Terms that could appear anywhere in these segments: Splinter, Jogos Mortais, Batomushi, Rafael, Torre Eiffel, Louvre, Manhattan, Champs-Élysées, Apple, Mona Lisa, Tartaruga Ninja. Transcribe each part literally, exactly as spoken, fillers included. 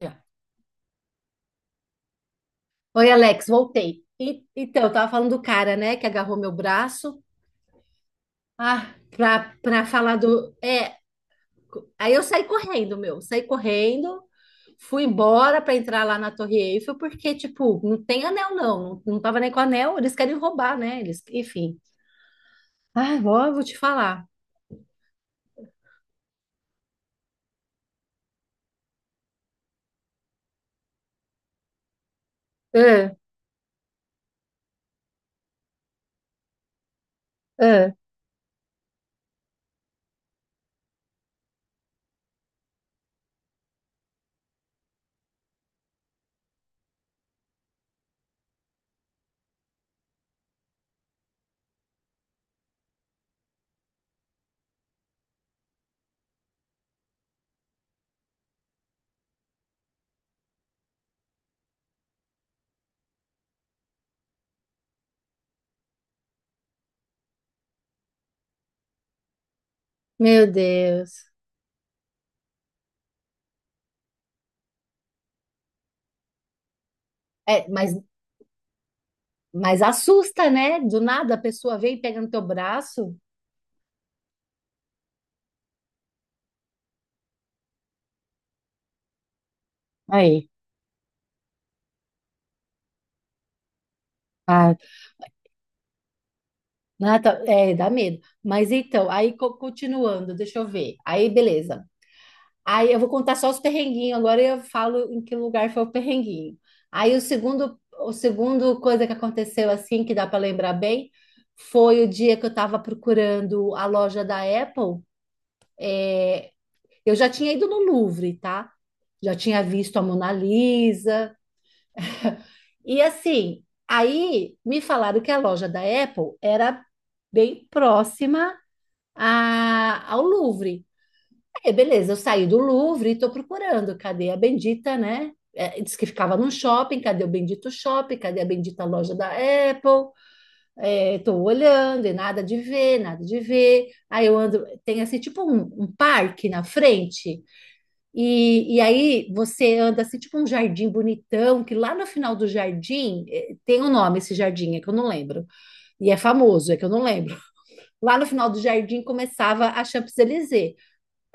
Já. Oi, Alex, voltei. E- então, eu tava falando do cara, né, que agarrou meu braço. Ah, pra, pra falar do. É, co- aí eu saí correndo, meu. Saí correndo, fui embora pra entrar lá na Torre Eiffel, porque, tipo, não tem anel, não. Não, não tava nem com anel, eles querem roubar, né? Eles, enfim. Ah, ó, vou te falar. Ah, ah, meu Deus. É, mas, mas assusta, né? Do nada a pessoa vem e pega no teu braço. Aí. Ah, tá. É, dá medo. Mas então, aí co- continuando, deixa eu ver. Aí, beleza. Aí eu vou contar só os perrenguinhos, agora eu falo em que lugar foi o perrenguinho. Aí o segundo, o segundo coisa que aconteceu assim, que dá para lembrar bem, foi o dia que eu estava procurando a loja da Apple. Eu já tinha ido no Louvre, tá? Já tinha visto a Mona Lisa. E assim, aí me falaram que a loja da Apple era bem próxima a- ao Louvre. É, beleza, eu saí do Louvre e estou procurando. Cadê a bendita, né? É, diz que ficava num shopping, cadê o bendito shopping? Cadê a bendita loja da Apple? Estou olhando e nada de ver, nada de ver. Aí eu ando, tem assim tipo um, um parque na frente, e, e aí você anda assim tipo um jardim bonitão, que lá no final do jardim eh, tem um nome esse jardim, é que eu não lembro. E é famoso, é que eu não lembro. Lá no final do jardim começava a Champs-Élysées.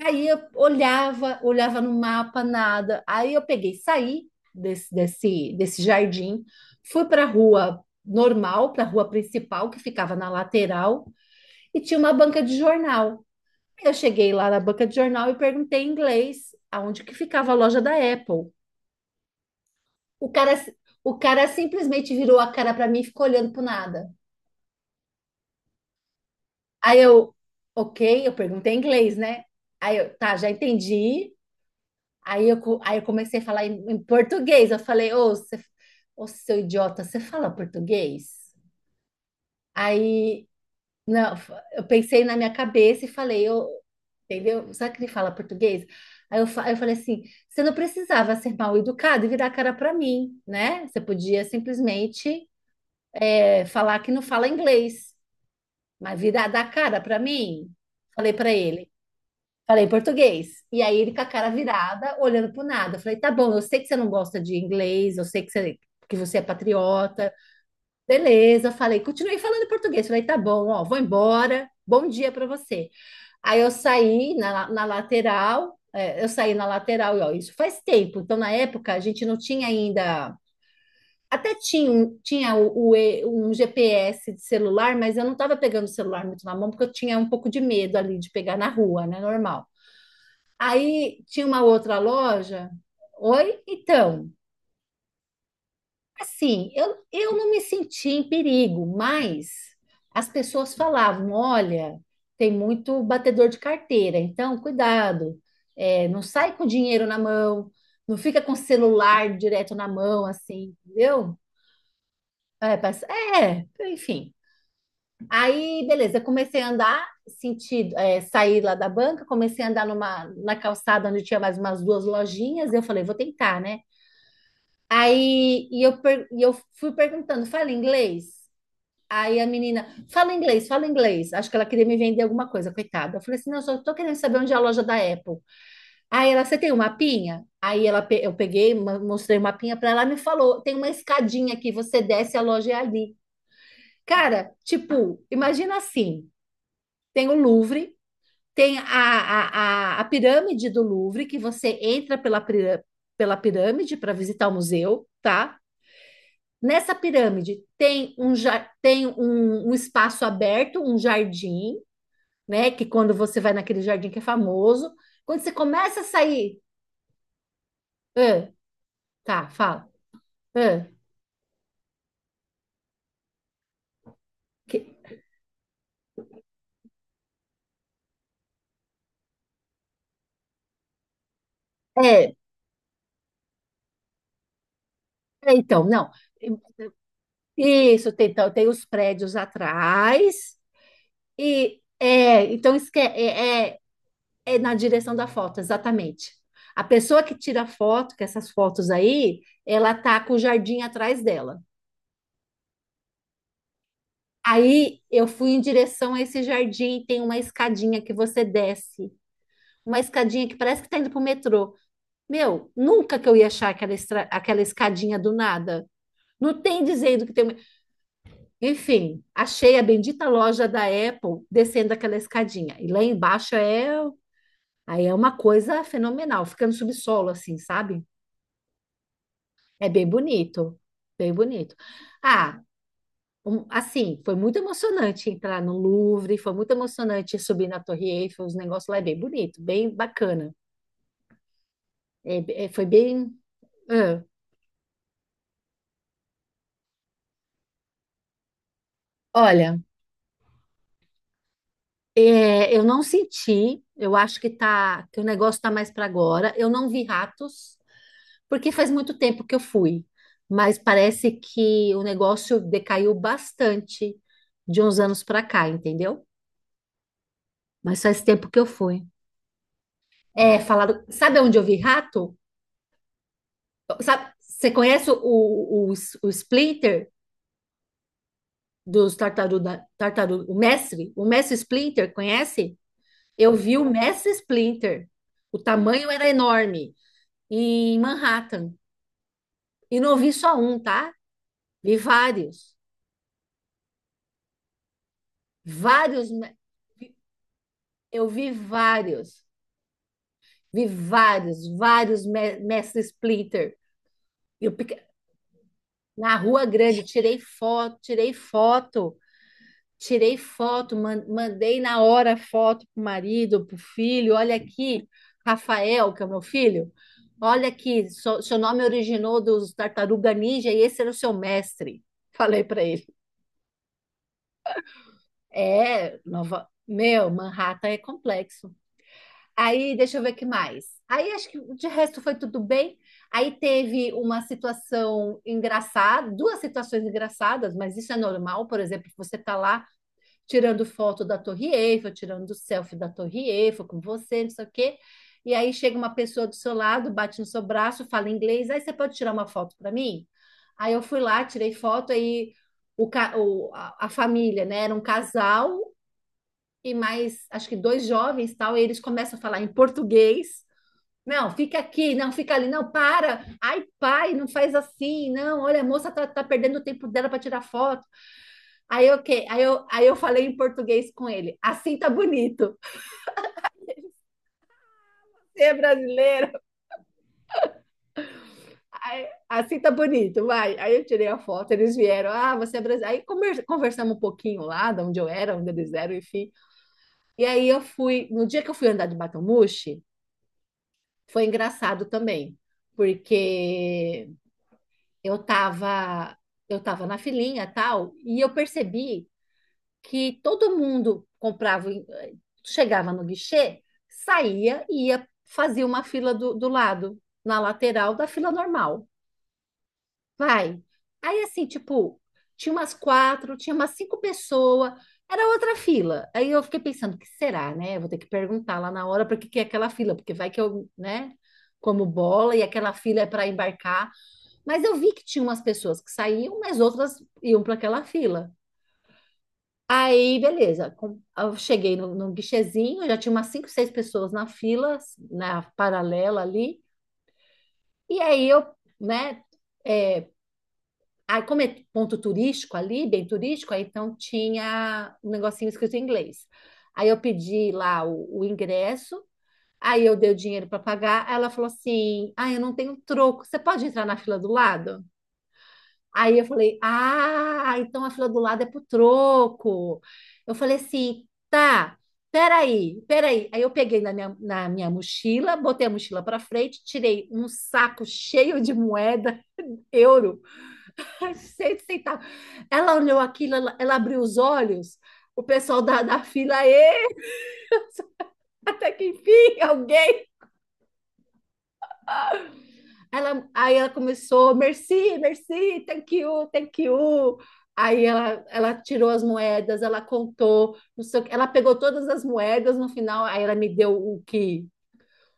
Aí eu olhava, olhava no mapa, nada. Aí eu peguei, saí desse, desse, desse jardim, fui para a rua normal, para a rua principal, que ficava na lateral, e tinha uma banca de jornal. Aí eu cheguei lá na banca de jornal e perguntei em inglês aonde que ficava a loja da Apple. O cara, si, o cara simplesmente virou a cara para mim e ficou olhando pro nada. Aí eu, ok, eu perguntei em inglês, né? Aí eu, tá, já entendi. Aí eu, co- aí eu comecei a falar em, em português. Eu falei, ô, você- ô, seu idiota, você fala português? Aí, não, eu pensei na minha cabeça e falei, eu, entendeu? Será que ele fala português? Aí eu, fa- eu falei assim, você não precisava ser mal educado e virar a cara para mim, né? Você podia simplesmente é, falar que não fala inglês, mas virar da cara para mim, falei para ele. Falei português. E aí ele com a cara virada, olhando pro nada. Eu falei, tá bom, eu sei que você não gosta de inglês, eu sei que você, que você é patriota. Beleza, falei, continuei falando português. Falei, tá bom, ó, vou embora. Bom dia pra você. Aí eu saí na, na lateral, é, eu saí na lateral, e ó, isso faz tempo. Então, na época, a gente não tinha ainda. Até tinha, um- tinha o, o E- um G P S de celular, mas eu não estava pegando o celular muito na mão, porque eu tinha um pouco de medo ali de pegar na rua, né? Normal. Aí tinha uma outra loja. Oi, então, assim, eu, eu não me senti em perigo, mas as pessoas falavam: olha, tem muito batedor de carteira, então cuidado, é, não sai com dinheiro na mão, não fica com o celular direto na mão, assim, entendeu? É, mas- é, enfim. Aí, beleza, comecei a andar, sentido, é, saí lá da banca, comecei a andar numa, na calçada onde tinha mais umas duas lojinhas. Eu falei, vou tentar, né? Aí e eu, per- e eu fui perguntando, fala inglês? Aí a menina, fala inglês, fala inglês. Acho que ela queria me vender alguma coisa, coitada. Eu falei assim, não, eu só tô querendo saber onde é a loja da Apple. Aí ela, você tem um mapinha? Aí ela, pe- eu peguei, ma- mostrei o mapinha para ela, ela me falou, tem uma escadinha aqui, você desce, a loja é ali. Cara, tipo, imagina assim, tem o Louvre, tem a, a, a, a pirâmide do Louvre, que você entra pela, pira- pela pirâmide para visitar o museu, tá? Nessa pirâmide tem um, ja- tem um, um espaço aberto, um jardim, né? Que quando você vai naquele jardim que é famoso, quando você começa a sair, ah, tá, fala, ah, que- é, é, então, não, isso, tem, então, tem os prédios atrás, e é, então esque, é, é, é é na direção da foto, exatamente. A pessoa que tira foto, que essas fotos aí, ela tá com o jardim atrás dela. Aí eu fui em direção a esse jardim e tem uma escadinha que você desce, uma escadinha que parece que tá indo pro metrô. Meu, nunca que eu ia achar aquela, estra- aquela escadinha do nada. Não tem dizendo que tem. uma- Enfim, achei a bendita loja da Apple descendo aquela escadinha. E lá embaixo é. Aí é uma coisa fenomenal, fica no subsolo, assim, sabe? É bem bonito, bem bonito. Ah, um- assim, foi muito emocionante entrar no Louvre, foi muito emocionante subir na Torre Eiffel, os negócios lá é bem bonito, bem bacana. É- é- foi bem. ah. Olha, é, eu não senti, eu acho que tá, que o negócio tá mais para agora. Eu não vi ratos, porque faz muito tempo que eu fui, mas parece que o negócio decaiu bastante de uns anos para cá, entendeu? Mas faz tempo que eu fui. É, falaram, sabe onde eu vi rato? Sabe, você conhece o, o, o Splinter dos Tartaruga, Tartaruga, o mestre? O mestre Splinter, conhece? Eu vi o mestre Splinter. O tamanho era enorme, em Manhattan. E não vi só um, tá? Vi vários. Vários. me- Eu vi vários. Vi vários, vários me- mestre Splinter. Eu, pique- na Rua Grande, tirei foto, tirei foto. Tirei foto, mandei na hora foto pro marido, pro filho. Olha aqui, Rafael, que é o meu filho. Olha aqui, so- seu nome originou dos Tartaruga Ninja e esse era o seu mestre. Falei para ele. É, Nova... meu, Manhattan é complexo. Aí, deixa eu ver o que mais. Aí, acho que de resto foi tudo bem. Aí teve uma situação engraçada, duas situações engraçadas, mas isso é normal, por exemplo, você tá lá tirando foto da Torre Eiffel, tirando selfie da Torre Eiffel com você, não sei o quê. E aí chega uma pessoa do seu lado, bate no seu braço, fala inglês, aí você pode tirar uma foto para mim? Aí eu fui lá, tirei foto, aí o, ca- o- a, a família, né, era um casal e mais, acho que dois jovens, tal, e eles começam a falar em português. Não, fica aqui, não, fica ali, não, para. Ai, pai, não faz assim, não. Olha, a moça tá, tá perdendo o tempo dela para tirar foto. Aí, ok, aí eu, aí eu falei em português com ele. Assim tá bonito. Você é brasileiro? Aí, assim tá bonito, vai. Aí eu tirei a foto, eles vieram. Ah, você é brasileiro. Aí conver- conversamos um pouquinho lá, de onde eu era, onde eles eram, enfim. E aí eu fui. No dia que eu fui andar de Batomushi, foi engraçado também, porque eu tava, eu tava na filinha e tal, e eu percebi que todo mundo comprava, eh, chegava no guichê, saía e ia fazia uma fila do, do lado, na lateral da fila normal. Vai. Aí assim, tipo, tinha umas quatro, tinha umas cinco pessoas, era outra fila. Aí eu fiquei pensando, o que será, né? Eu vou ter que perguntar lá na hora para que que é aquela fila, porque vai que eu, né? Como bola, e aquela fila é para embarcar. Mas eu vi que tinha umas pessoas que saíam, mas outras iam para aquela fila. Aí, beleza. Com- Eu cheguei no, no guichezinho, já tinha umas cinco, seis pessoas na fila, na paralela ali. E aí eu, né? é, aí como é ponto turístico ali, bem turístico, aí então tinha um negocinho escrito em inglês. Aí eu pedi lá o, o ingresso, aí eu dei o dinheiro para pagar. Aí ela falou assim: ah, eu não tenho troco. Você pode entrar na fila do lado? Aí eu falei, ah, então a fila do lado é pro troco. Eu falei assim, tá, peraí, peraí. Aí eu peguei na minha, na minha mochila, botei a mochila para frente, tirei um saco cheio de moeda, euro, cheio de centavo. Ela olhou aquilo, ela, ela abriu os olhos, o pessoal da, da fila, "Ê, até que enfim, alguém." Ela, aí ela começou, merci, merci, thank you, thank you. Aí ela, ela tirou as moedas, ela contou, não sei, o quê. Ela pegou todas as moedas no final, aí ela me deu o que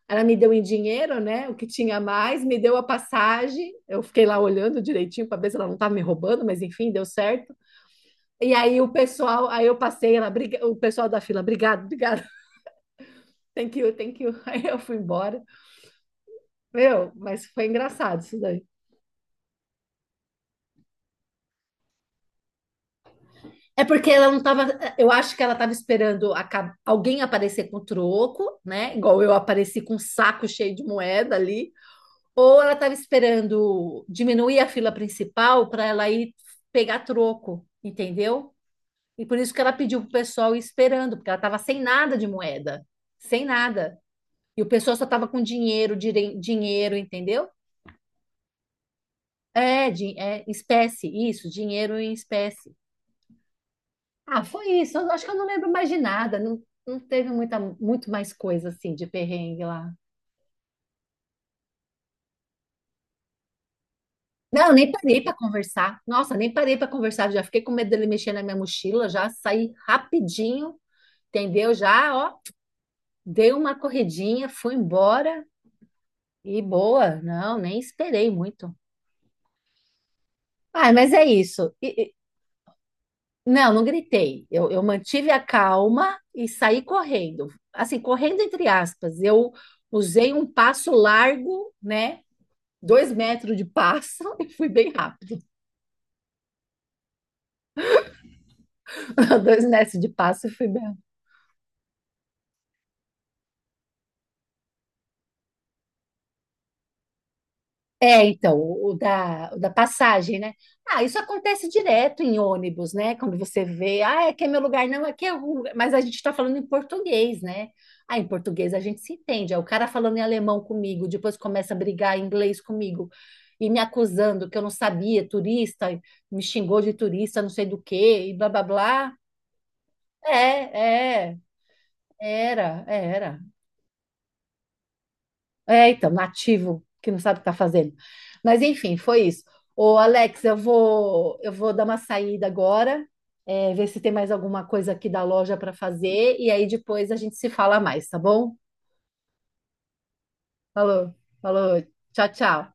ela me deu em dinheiro, né? O que tinha mais, me deu a passagem. Eu fiquei lá olhando direitinho para ver se ela não estava me roubando, mas enfim, deu certo. E aí o pessoal, aí eu passei, ela, o pessoal da fila, obrigado, obrigado, thank you, thank you. Aí eu fui embora. Meu, mas foi engraçado isso daí. É porque ela não tava. Eu acho que ela tava esperando aca- alguém aparecer com troco, né? Igual eu apareci com um saco cheio de moeda ali. Ou ela tava esperando diminuir a fila principal para ela ir pegar troco, entendeu? E por isso que ela pediu pro pessoal ir esperando, porque ela tava sem nada de moeda, sem nada. E o pessoal só tava com dinheiro, dire- dinheiro, entendeu? É, di- é espécie, isso, dinheiro em espécie. Ah, foi isso. Eu acho que eu não lembro mais de nada. Não, não teve muita, muito mais coisa assim de perrengue lá. Não, nem parei para conversar. Nossa, nem parei para conversar. Já fiquei com medo dele mexer na minha mochila. Já saí rapidinho, entendeu? Já, ó, dei uma corridinha, fui embora e boa. Não, nem esperei muito. Ah, mas é isso. E- e- não, não gritei. Eu, eu mantive a calma e saí correndo. Assim, correndo entre aspas. Eu usei um passo largo, né? Dois metros de passo e fui bem rápido. Dois metros de passo e fui bem rápido. É, então, o o da, o da passagem, né? Ah, isso acontece direto em ônibus, né? Quando você vê, ah, aqui é meu lugar, não, aqui é rua. Mas a gente está falando em português, né? Ah, em português a gente se entende. Aí o cara falando em alemão comigo, depois começa a brigar em inglês comigo e me acusando que eu não sabia, turista, me xingou de turista, não sei do quê, e blá blá blá. É, é, era, era. É, então, nativo, que não sabe o que está fazendo. Mas, enfim, foi isso. Ô, Alex, eu vou, eu vou dar uma saída agora, é, ver se tem mais alguma coisa aqui da loja para fazer, e aí depois a gente se fala mais, tá bom? Falou, falou, tchau, tchau.